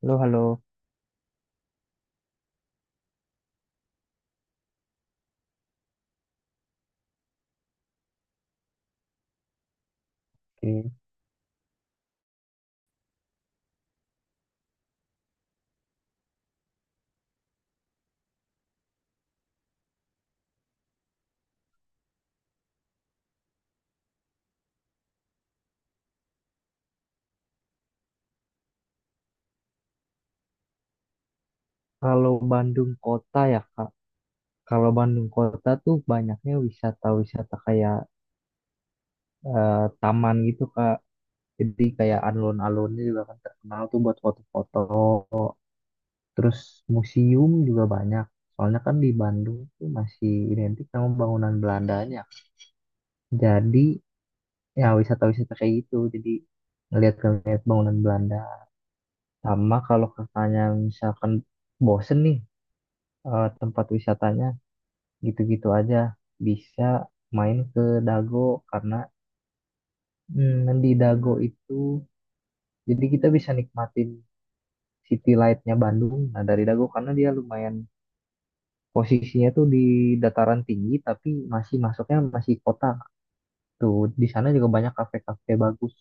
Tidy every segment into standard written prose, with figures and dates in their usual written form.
Halo, halo. Oke. Kalau Bandung kota ya, Kak. Kalau Bandung kota tuh banyaknya wisata-wisata kayak taman gitu, Kak. Jadi kayak alun-alunnya juga kan terkenal tuh buat foto-foto. Terus museum juga banyak. Soalnya kan di Bandung tuh masih identik sama bangunan Belandanya. Jadi ya wisata-wisata kayak gitu. Jadi ngeliat-ngeliat bangunan Belanda. Sama kalau kakaknya misalkan bosen nih tempat wisatanya gitu-gitu aja bisa main ke Dago karena di Dago itu jadi kita bisa nikmatin city light-nya Bandung, nah dari Dago karena dia lumayan, posisinya tuh di dataran tinggi tapi masih masuknya masih kota tuh, di sana juga banyak kafe-kafe bagus.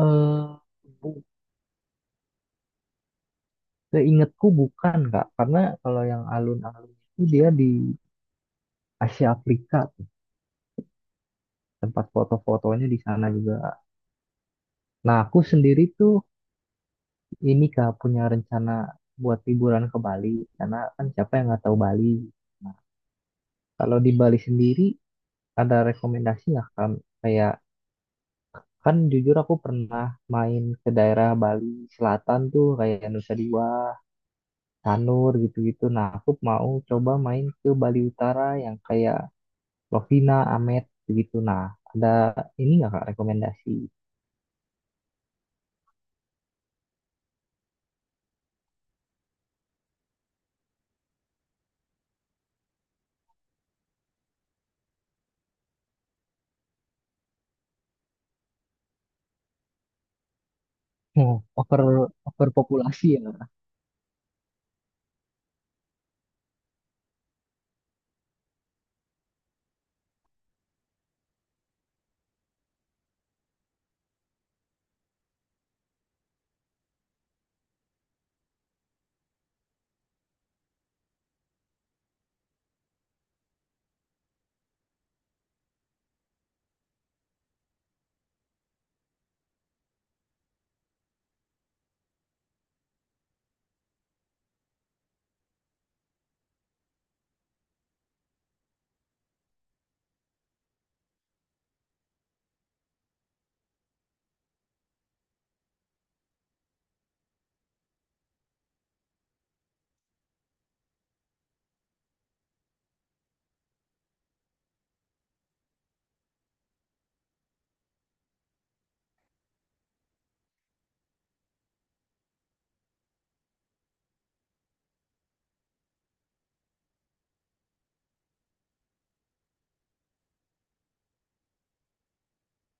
eh bu- Seingatku bukan, Kak, karena kalau yang alun-alun itu dia di Asia Afrika, tempat foto-fotonya di sana juga. Nah, aku sendiri tuh ini Kak punya rencana buat liburan ke Bali karena kan siapa yang nggak tahu Bali. Nah, kalau di Bali sendiri ada rekomendasi nggak kan, kayak, kan jujur aku pernah main ke daerah Bali Selatan tuh kayak Nusa Dua, Tanur gitu-gitu. Nah, aku mau coba main ke Bali Utara yang kayak Lovina, Amet gitu. Nah, ada ini nggak Kak rekomendasi? Oh, overpopulasi ya.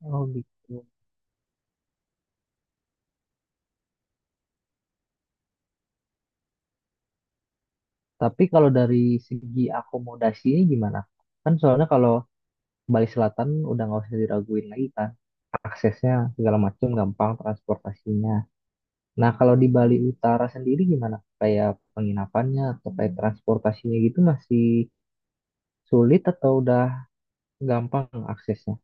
Oh gitu. Tapi kalau dari segi akomodasinya gimana? Kan soalnya kalau Bali Selatan udah nggak usah diraguin lagi kan. Aksesnya segala macam gampang, transportasinya. Nah kalau di Bali Utara sendiri gimana? Kayak penginapannya atau kayak transportasinya gitu masih sulit atau udah gampang aksesnya?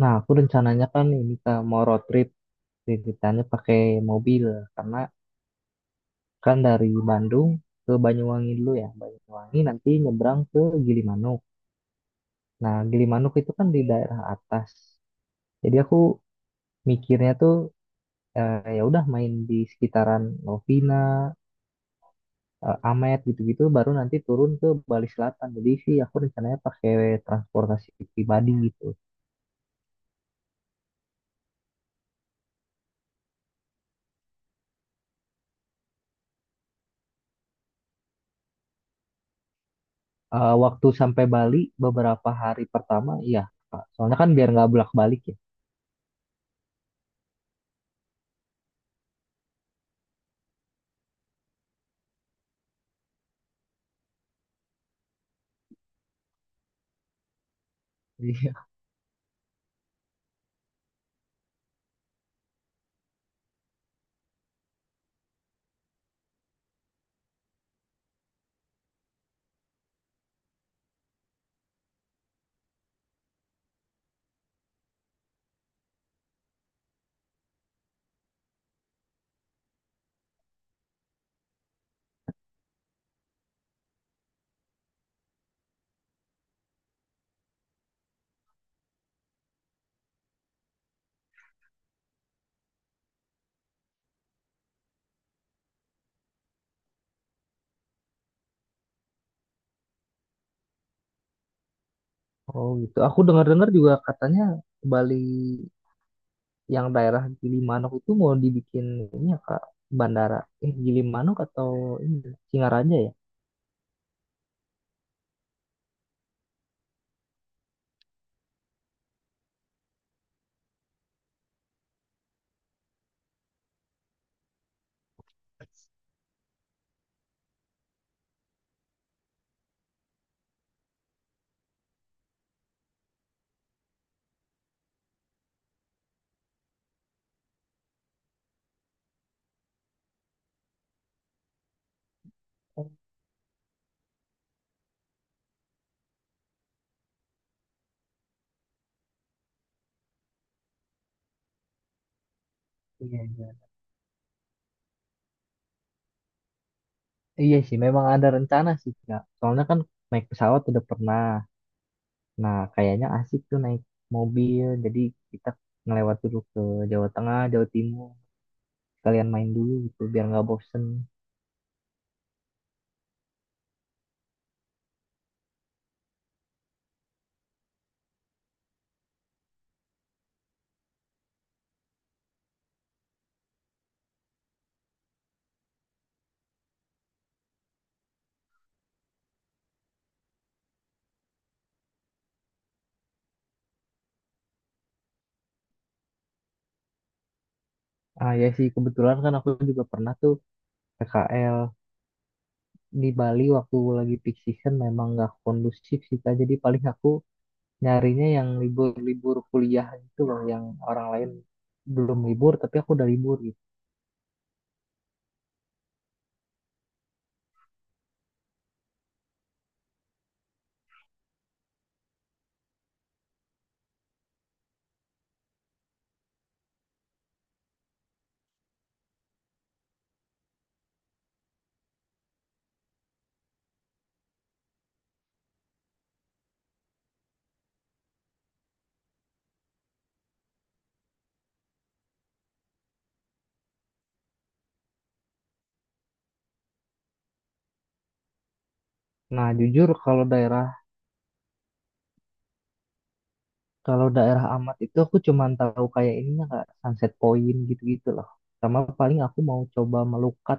Nah aku rencananya kan ini Kak, mau road trip. Ceritanya pakai mobil karena kan dari Bandung ke Banyuwangi dulu ya. Banyuwangi nanti nyebrang ke Gilimanuk. Nah, Gilimanuk itu kan di daerah atas. Jadi aku mikirnya tuh, ya udah main di sekitaran Novina, Amet gitu-gitu baru nanti turun ke Bali Selatan. Jadi sih aku rencananya pakai transportasi pribadi gitu. Eh, waktu sampai Bali beberapa hari pertama iya, Kak. Soalnya kan biar nggak bolak-balik ya. Iya. Oh gitu. Aku dengar-dengar juga katanya Bali yang daerah Gilimanuk itu mau dibikin ini ya Kak, bandara. Eh, Gilimanuk atau ini Singaraja ya? Oh, iya, iya. Iya sih, memang ada rencana sih Kak. Soalnya kan naik pesawat udah pernah. Nah, kayaknya asik tuh naik mobil. Jadi kita ngelewat dulu ke Jawa Tengah, Jawa Timur. Sekalian main dulu gitu, biar nggak bosen. Ah ya sih, kebetulan kan aku juga pernah tuh PKL di Bali waktu lagi peak season memang nggak kondusif sih Kak. Jadi paling aku nyarinya yang libur-libur kuliah gitu loh, yang orang lain belum libur tapi aku udah libur gitu. Nah jujur kalau daerah, amat itu aku cuman tahu kayak ininya nggak Sunset Point gitu-gitu loh. Sama paling aku mau coba melukat.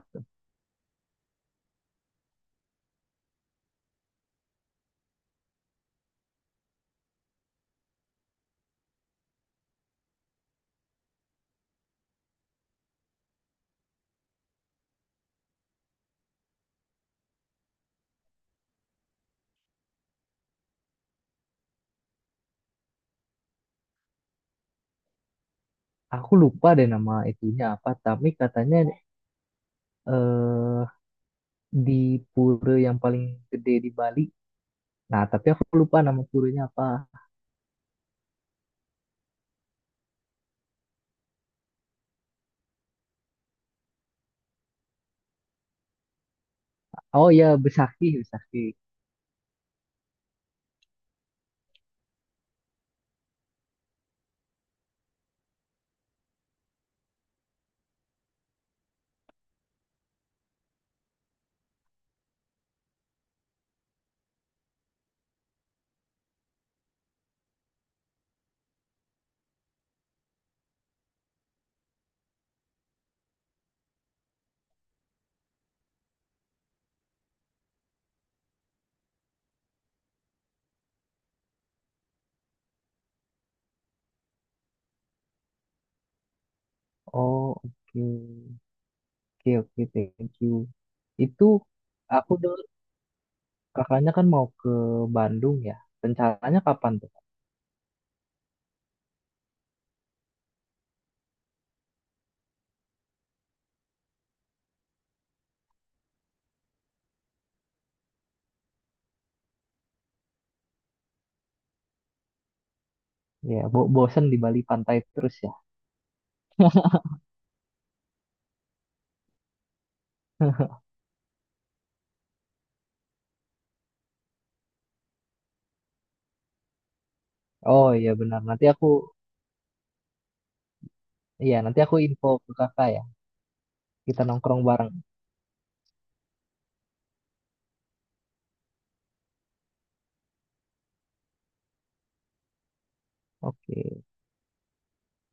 Aku lupa deh nama itunya apa tapi katanya eh di pura yang paling gede di Bali. Nah tapi aku lupa nama puranya apa. Oh ya, Besaki, Besaki. Oh oke. Oke, oke, thank you. Itu aku dengar kakaknya kan mau ke Bandung ya. Rencananya kapan tuh? Ya, bosen di Bali pantai terus ya. Oh iya benar. Iya nanti aku info ke kakak ya. Kita nongkrong bareng. Oke.